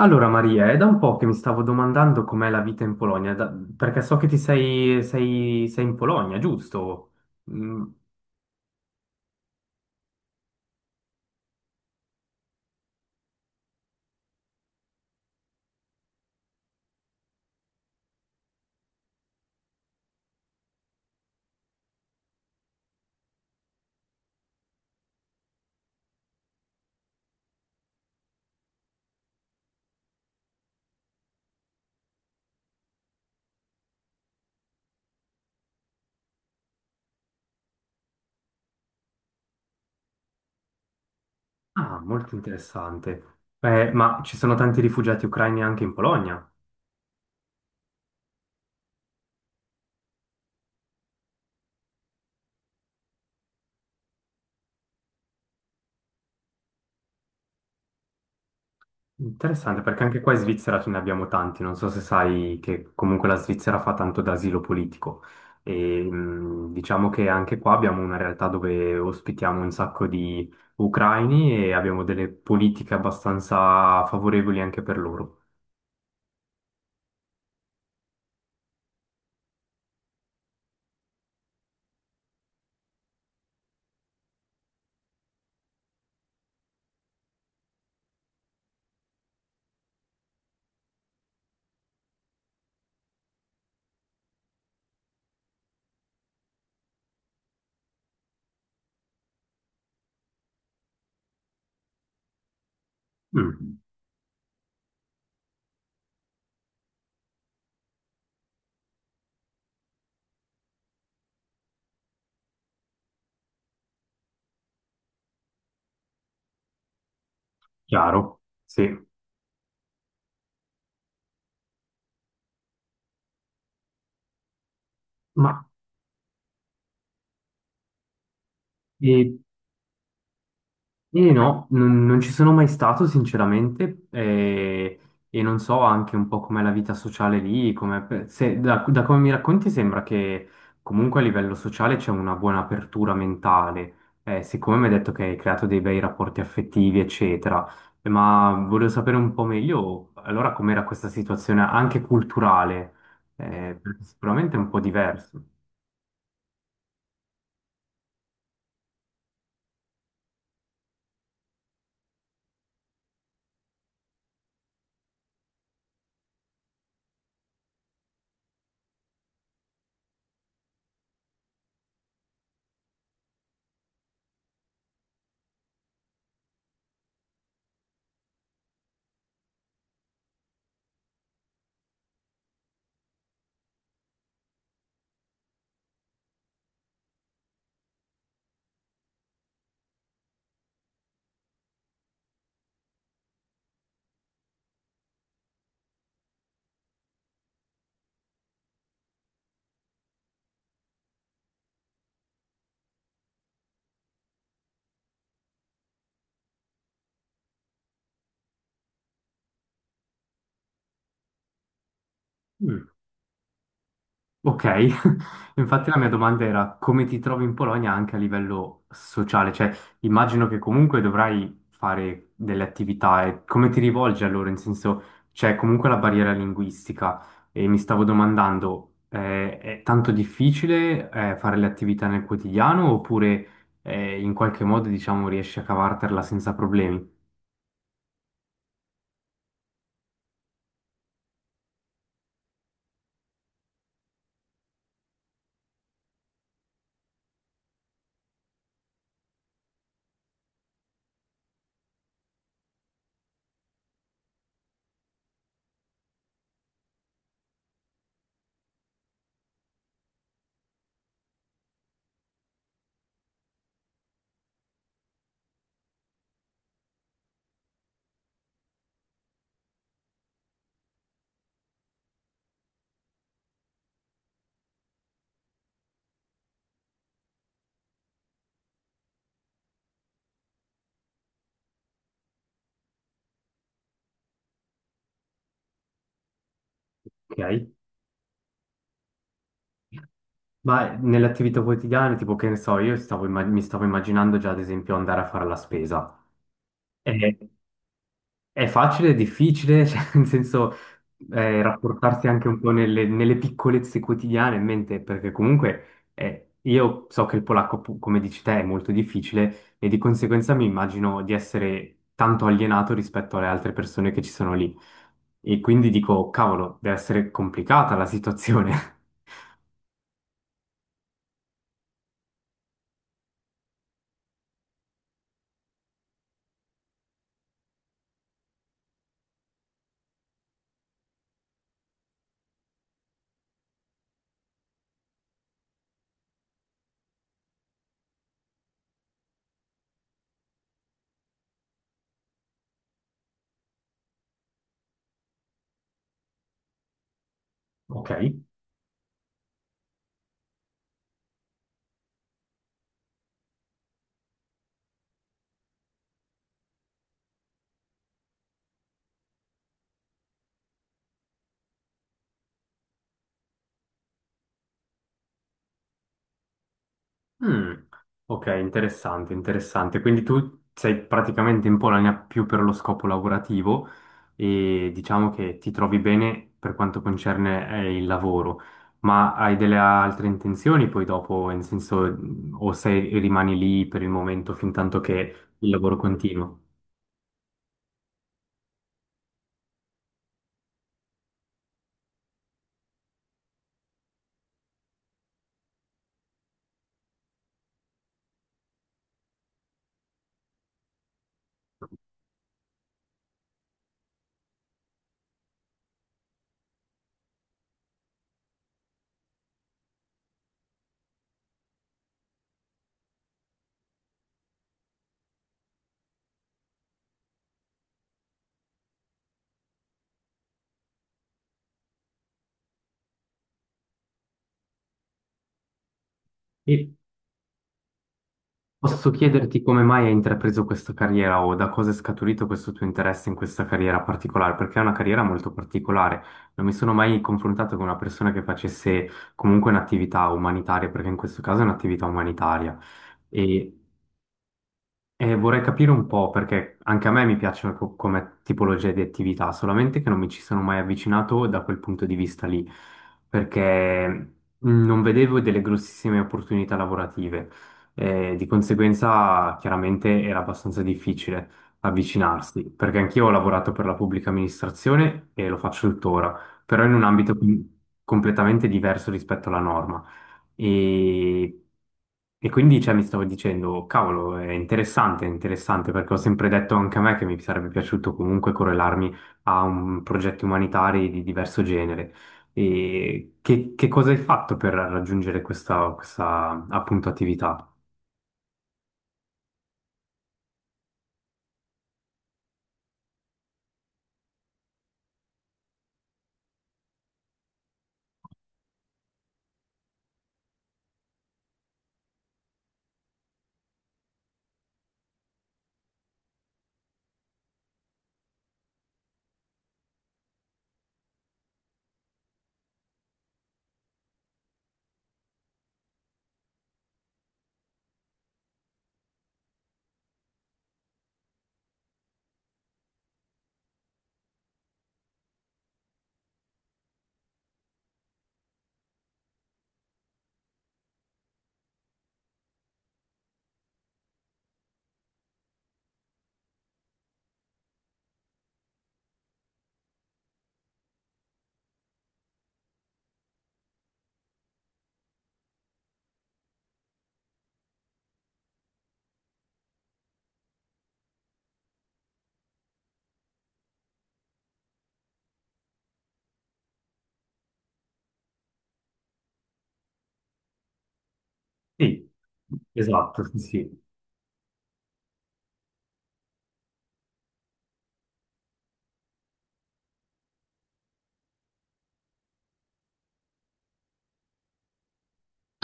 Allora Maria, è da un po' che mi stavo domandando com'è la vita in Polonia, perché so che sei in Polonia, giusto? Mm. Ah, molto interessante. Ma ci sono tanti rifugiati ucraini anche in Polonia? Interessante, perché anche qua in Svizzera ce ne abbiamo tanti. Non so se sai che comunque la Svizzera fa tanto d'asilo politico. E, mm, diciamo che anche qua abbiamo una realtà dove ospitiamo un sacco di ucraini e abbiamo delle politiche abbastanza favorevoli anche per loro. Mm, chiaro, sì. Ma eh, eh, no, non, non ci sono mai stato, sinceramente, e non so anche un po' com'è la vita sociale lì, da come mi racconti sembra che comunque a livello sociale c'è una buona apertura mentale. Siccome mi hai detto che hai creato dei bei rapporti affettivi, eccetera, ma volevo sapere un po' meglio allora com'era questa situazione anche culturale, perché sicuramente è un po' diverso. Ok, infatti la mia domanda era come ti trovi in Polonia anche a livello sociale, cioè immagino che comunque dovrai fare delle attività e come ti rivolgi allora, in senso c'è comunque la barriera linguistica e mi stavo domandando è tanto difficile fare le attività nel quotidiano oppure in qualche modo diciamo riesci a cavartela senza problemi? Ok. Ma nelle attività quotidiane, tipo che ne so, io stavo mi stavo immaginando già ad esempio andare a fare la spesa. È, è facile, è difficile, cioè, nel senso rapportarsi anche un po' nelle piccolezze quotidiane in mente, perché comunque io so che il polacco, come dici te, è molto difficile e di conseguenza mi immagino di essere tanto alienato rispetto alle altre persone che ci sono lì. E quindi dico, cavolo, deve essere complicata la situazione. Ok. Mm, ok, interessante, interessante. Quindi tu sei praticamente in Polonia più per lo scopo lavorativo e diciamo che ti trovi bene per quanto concerne il lavoro, ma hai delle altre intenzioni poi dopo, nel senso, o sei, rimani lì per il momento fin tanto che il lavoro continua? Sì. Posso chiederti come mai hai intrapreso questa carriera o da cosa è scaturito questo tuo interesse in questa carriera particolare? Perché è una carriera molto particolare. Non mi sono mai confrontato con una persona che facesse comunque un'attività umanitaria, perché in questo caso è un'attività umanitaria. E e vorrei capire un po' perché anche a me mi piacciono come tipologia di attività, solamente che non mi ci sono mai avvicinato da quel punto di vista lì, perché mhmm, non vedevo delle grossissime opportunità lavorative, e di conseguenza chiaramente era abbastanza difficile avvicinarsi, perché anch'io ho lavorato per la pubblica amministrazione e lo faccio tuttora, però in un ambito completamente diverso rispetto alla norma. E, e quindi cioè, mi stavo dicendo, cavolo, è interessante, perché ho sempre detto anche a me che mi sarebbe piaciuto comunque correlarmi a un progetto umanitario di diverso genere. E che cosa hai fatto per raggiungere questa appunto attività? Sì, esatto, sì. Sì.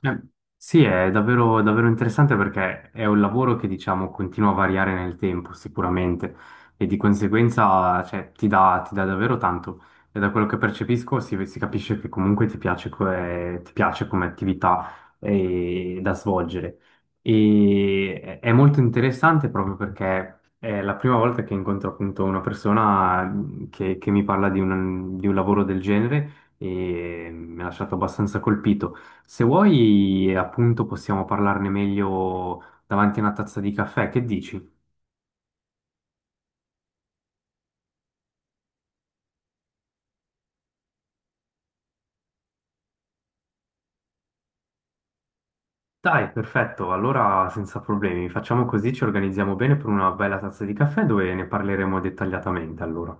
Eh, Sì, è davvero, davvero interessante perché è un lavoro che diciamo continua a variare nel tempo sicuramente e di conseguenza cioè, ti dà davvero tanto e da quello che percepisco si capisce che comunque ti piace, ti piace come attività da svolgere e è molto interessante proprio perché è la prima volta che incontro appunto una persona mm, che mi parla di un lavoro del genere e mi ha lasciato abbastanza colpito. Se vuoi, appunto, possiamo parlarne meglio davanti a una tazza di caffè, che dici? Dai, perfetto, allora senza problemi, facciamo così, ci organizziamo bene per una bella tazza di caffè dove ne parleremo dettagliatamente, allora.